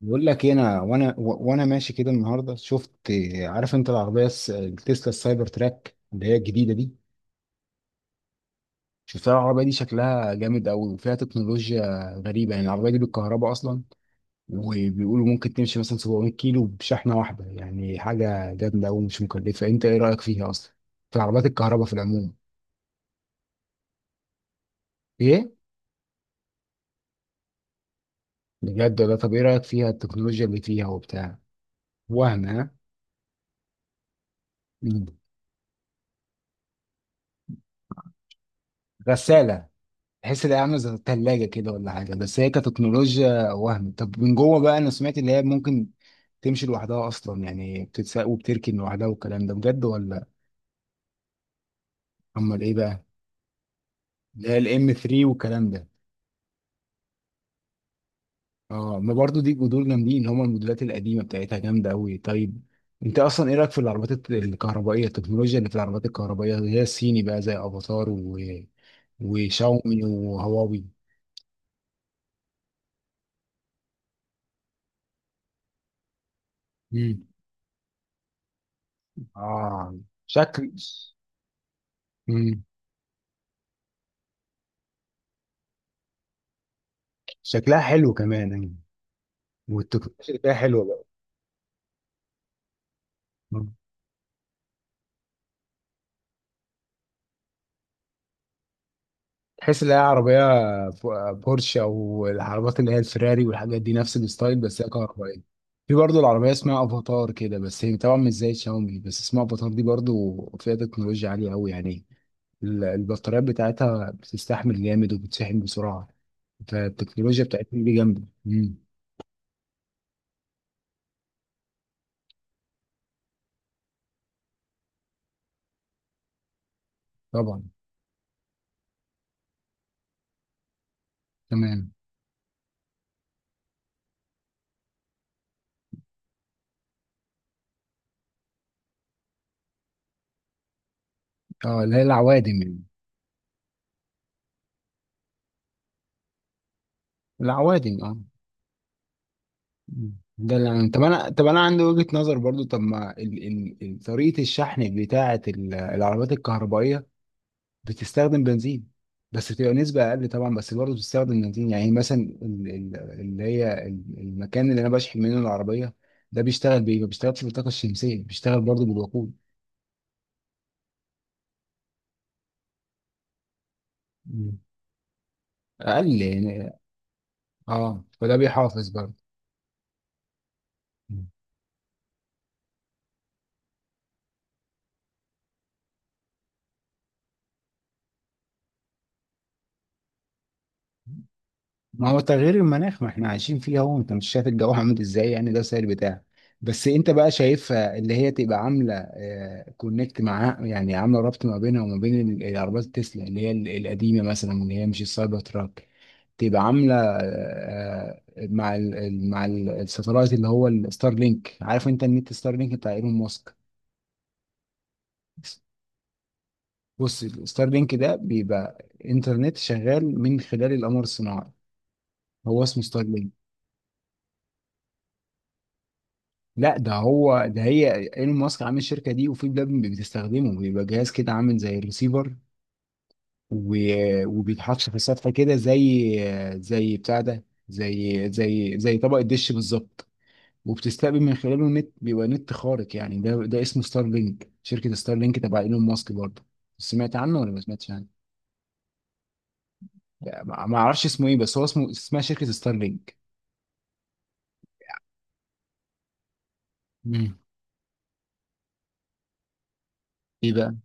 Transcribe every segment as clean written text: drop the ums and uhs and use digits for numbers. بقول لك إيه، انا وانا و- وانا ماشي كده النهارده شفت. عارف انت العربيه التسلا السايبر تراك اللي هي الجديده دي؟ شفتها العربيه دي شكلها جامد قوي وفيها تكنولوجيا غريبه، يعني العربيه دي بالكهرباء اصلا. وبيقولوا ممكن تمشي مثلا 700 كيلو بشحنه واحده، يعني حاجه جامده قوي مش مكلفه. انت ايه رايك فيها اصلا، في العربيات الكهرباء في العموم؟ ايه، بجد ولا؟ طب ايه رايك فيها، التكنولوجيا اللي فيها وبتاع؟ وهم ها؟ مم. غساله. تحس ان هي عامله زي الثلاجه كده ولا حاجه، بس هي كتكنولوجيا وهم. طب من جوه بقى، انا سمعت ان هي ممكن تمشي لوحدها اصلا، يعني بتتساق وبتركن لوحدها، والكلام ده بجد ولا؟ امال ايه بقى؟ اللي هي الام 3 والكلام ده. اه، ما برضو دي جذور جامدين، اللي هم الموديلات القديمه بتاعتها جامده قوي. طيب، انت اصلا ايه رايك في العربيات الكهربائيه، التكنولوجيا اللي في العربيات الكهربائيه، اللي هي الصيني بقى زي افاتار وشاومي وهواوي؟ مم. اه، شكل، شكلها حلو كمان يعني، والتكنولوجيا اللي فيها حلوه بقى. تحس ان هي عربيه بورشه او العربيات اللي هي الفيراري والحاجات دي، نفس الستايل بس هي كهربائيه. في برضه العربيه اسمها افاتار كده، بس هي طبعا مش زي شاومي، بس اسمها افاتار دي برضه فيها تكنولوجيا عاليه قوي يعني. البطاريات بتاعتها بتستحمل جامد وبتشحن بسرعه، فالتكنولوجيا بتاعتهم دي جامده. مم. طبعا. تمام. اه اللي هي العوادم يعني. العوادم اه. ده اللي أنا- طب انا طب انا عندي وجهة نظر برضو. طب ما طريقة الشحن بتاعة العربيات الكهربائية بتستخدم بنزين، بس بتبقى نسبة اقل طبعا، بس برضو بتستخدم بنزين. يعني مثلا اللي هي المكان اللي انا بشحن منه العربية ده بيشتغل بايه؟ ما بيشتغلش بالطاقة الشمسية، بيشتغل برضو بالوقود. مم. اقل يعني. اه، فده بيحافظ برضو. ما هو تغيير المناخ ما احنا عايشين فيه اهو، انت مش شايف الجو عامل ازاي؟ يعني ده السائل بتاعك، بس انت بقى شايفها اللي هي تبقى عامله كونكت معاها، يعني عامله ربط ما بينها وما بين العربيات التسلا اللي هي القديمه مثلا، اللي هي مش السايبر تراك، تبقى عامله مع الساتلايت اللي هو الستار لينك. عارف انت النت ستار لينك بتاع ايلون ماسك؟ بص، الستار لينك ده بيبقى انترنت شغال من خلال القمر الصناعي، هو اسمه ستار لينك. لا، ده هو ده، هي ايلون ماسك عامل الشركه دي، وفي بلاد بتستخدمه، بيبقى جهاز كده عامل زي الريسيفر، وبيتحط في السطح كده زي زي بتاع ده، زي طبق الدش بالظبط. وبتستقبل من خلاله نت، بيبقى نت خارق يعني. ده ده اسمه ستار لينك، شركه ستار لينك تبع ايلون ماسك برضه. سمعت عنه ولا ما سمعتش عنه؟ لا، ما اعرفش اسمه ايه، بس هو اسمه، اسمها شركه ستار لينك. مم. يبقى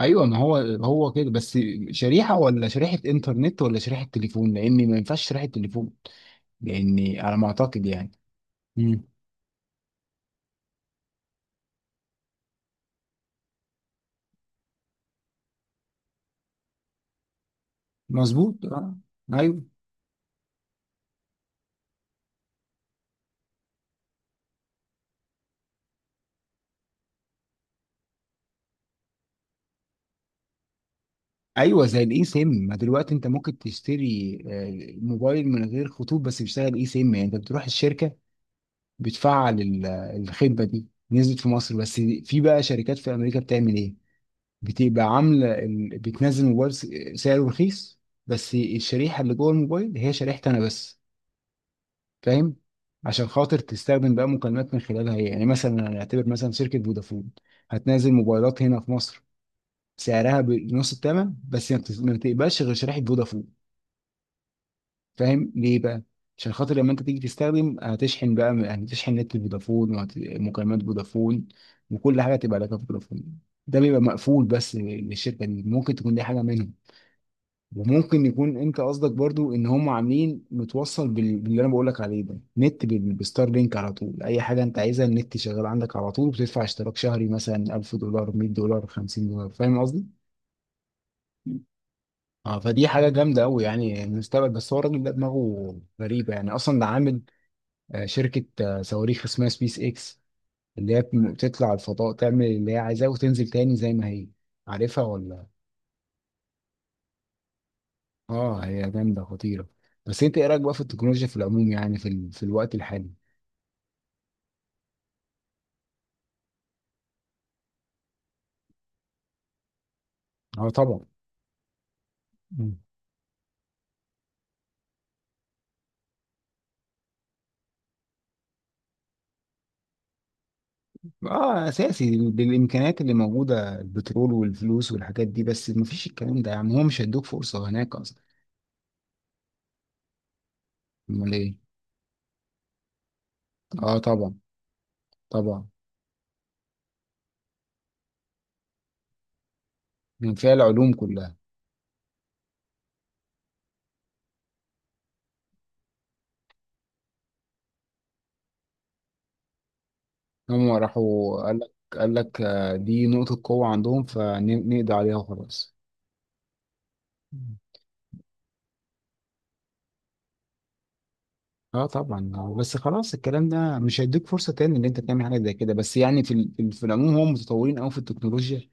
ايوه، ما هو هو كده. بس شريحه ولا شريحه انترنت ولا شريحه تليفون؟ لان ما ينفعش شريحه تليفون، لاني على ما اعتقد يعني. مم. مظبوط آه. ايوه. ايوه، زي الاي سيم. ما دلوقتي انت ممكن تشتري موبايل من غير خطوط، بس بيشتغل اي سيم. يعني انت بتروح الشركه بتفعل الخدمه دي. نزلت في مصر، بس في بقى شركات في امريكا بتعمل ايه، بتبقى عامله بتنزل موبايل سعره رخيص، بس الشريحه اللي جوه الموبايل هي شريحتي انا بس، فاهم؟ عشان خاطر تستخدم بقى مكالمات من خلالها هي. يعني مثلا هنعتبر مثلا شركة فودافون هتنزل موبايلات هنا في مصر سعرها بنص الثمن، بس ما بتقبلش غير شريحة فودافون. فاهم ليه بقى؟ عشان خاطر لما انت تيجي تستخدم هتشحن بقى، هتشحن نت فودافون ومكالمات فودافون، وكل حاجة تبقى لك فودافون. ده بيبقى مقفول بس للشركة دي. ممكن تكون دي حاجة منهم، وممكن يكون انت قصدك برضو ان هم عاملين متوصل باللي انا بقول لك عليه ده، نت بالستار لينك على طول. اي حاجه انت عايزها النت شغال عندك على طول، بتدفع اشتراك شهري مثلا 1000 دولار، 100 دولار، 50 دولار. فاهم قصدي؟ اه، فدي حاجه جامده قوي يعني، المستقبل. بس هو الراجل ده دماغه غريبه يعني، اصلا ده عامل شركه صواريخ اسمها سبيس اكس، اللي هي بتطلع الفضاء تعمل اللي هي عايزاه وتنزل تاني زي ما هي. عارفها ولا؟ اه، هي جامده خطيره. بس انت ايه رايك بقى في التكنولوجيا في العموم، يعني في الوقت الحالي؟ اه طبعا. مم. اه اساسي، بالامكانيات اللي موجوده، البترول والفلوس والحاجات دي، بس مفيش الكلام ده يعني، هو مش هيدوك فرصه هناك اصلا. امال ايه؟ اه طبعا. طبعا. كان فيها العلوم كلها. هم راحوا قال لك، قال لك دي نقطه قوه عندهم، فنقضي عليها وخلاص. مم. اه طبعا. بس خلاص الكلام ده مش هيديك فرصه تاني ان انت تعمل حاجه زي كده. بس يعني في العموم هم متطورين قوي في التكنولوجيا.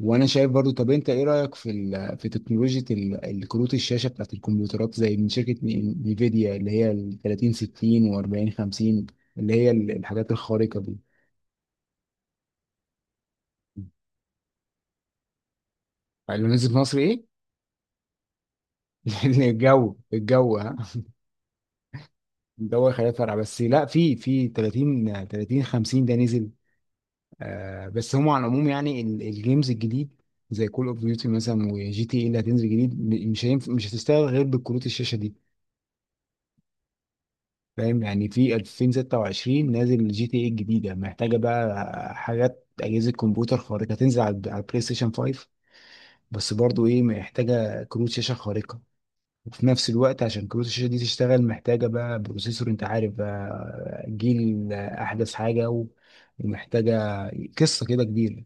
وانا شايف برضو. طب انت ايه رايك في في تكنولوجيا الكروت الشاشه بتاعت الكمبيوترات زي من شركه نيفيديا، اللي هي ال 30 60 و40 50، اللي هي الحاجات الخارقه دي؟ اللي نزلت مصر ايه؟ الجو، الجو ها. الجو، خليها فرع بس. لا، في في 30 30 50 ده نزل. آه، بس هم على العموم يعني الجيمز الجديد زي كول اوف ديوتي مثلا، وجي تي اي اللي هتنزل جديد، مش هينفع، مش هتشتغل غير بالكروت الشاشه دي. فاهم؟ يعني في 2026 نازل جي تي اي الجديده، محتاجه بقى حاجات اجهزه كمبيوتر خارقه. هتنزل على على البلاي ستيشن 5، بس برضو ايه، محتاجه كروت شاشه خارقه. وفي نفس الوقت عشان كروت الشاشه دي تشتغل محتاجه بقى بروسيسور، انت عارف بقى جيل احدث حاجه، ومحتاجه، قصه كده كبيره.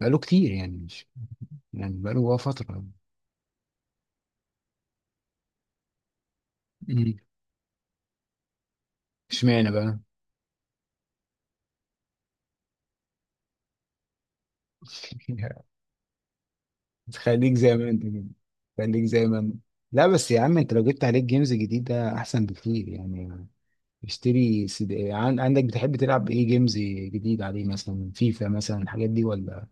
بقاله كتير يعني، مش يعني بقاله بقى فتره. مم. اشمعنى بقى؟ خليك زي ما انت كده. خليك زي ما انت. لا بس يا عم انت لو جبت عليك جيمز جديدة احسن بكتير يعني. اشتري سي دي عندك، بتحب تلعب ايه جيمز جديد عليه؟ مثلا فيفا مثلا، الحاجات دي ولا؟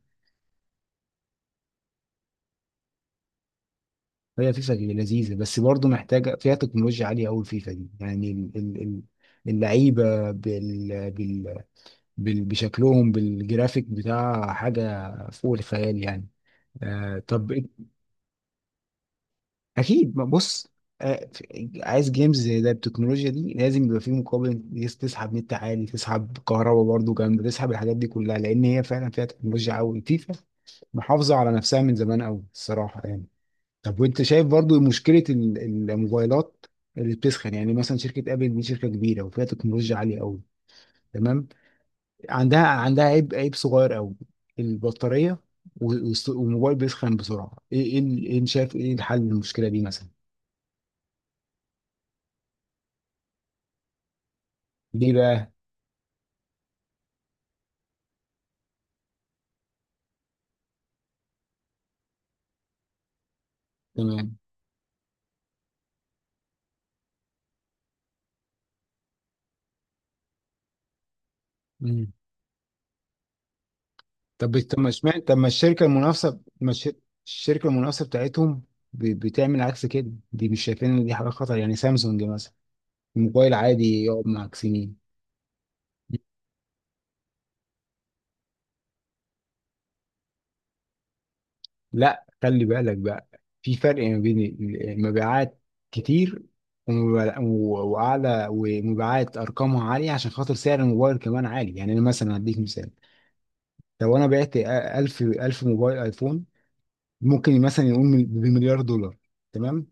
هي فيفا لذيذة، بس برضه محتاجة فيها تكنولوجيا عالية قوي. الفيفا دي يعني اللعيبة بشكلهم بالجرافيك بتاع، حاجة فوق الخيال يعني. آه طب، اكيد، ما بص. عايز جيمز زي ده التكنولوجيا دي لازم يبقى فيه مقابل. تسحب نت عالي، تسحب كهرباء برضه جامده، تسحب الحاجات دي كلها، لان هي فعلا فيها تكنولوجيا قوي. فيفا محافظه على نفسها من زمان قوي الصراحه يعني. طب وانت شايف برضه مشكله الموبايلات اللي بتسخن؟ يعني مثلا شركه ابل دي شركه كبيره وفيها تكنولوجيا عاليه قوي، تمام، عندها عيب، عيب صغير قوي، البطاريه، و- والموبايل بيسخن بسرعه. ايه ايه إيه، شايف ايه الحل للمشكله دي مثلا؟ ليه بقى؟ تمام. مم. طب طب ما اشمعنى، طب ما الشركه المنافسه، ما الش- الشركه المنافسه بتاعتهم بتعمل عكس كده، دي مش شايفين ان دي حاجه خطر؟ يعني سامسونج مثلا الموبايل عادي يقعد معاك سنين. لا، خلي بالك بقى، في فرق ما بين المبيعات كتير، وأعلى، ومبيعات أرقامها عالية عشان خاطر سعر الموبايل كمان عالي. يعني أنا مثلا هديك مثال، لو أنا بعت 1000 1000 موبايل أيفون، ممكن مثلا يقوم بمليار دولار. تمام.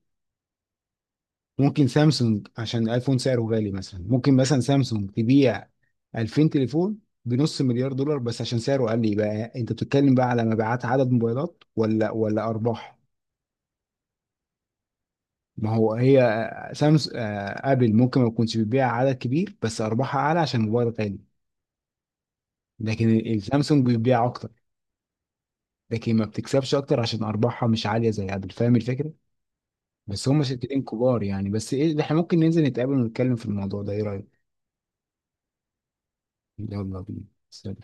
ممكن سامسونج، عشان الايفون سعره غالي مثلا، ممكن مثلا سامسونج تبيع 2000 تليفون بنص مليار دولار بس عشان سعره قل. يبقى انت بتتكلم بقى على مبيعات عدد موبايلات ولا ارباح؟ ما هو هي سامسونج، ابل ممكن ما تكونش بتبيع عدد كبير بس ارباحها اعلى عشان الموبايل غالي. لكن السامسونج بتبيع اكتر، لكن ما بتكسبش اكتر عشان ارباحها مش عاليه زي ابل. فاهم الفكره؟ بس هم شركتين كبار يعني. بس ايه، ده احنا ممكن ننزل نتقابل ونتكلم في الموضوع ده، ايه رايك؟ يلا بينا. سلام.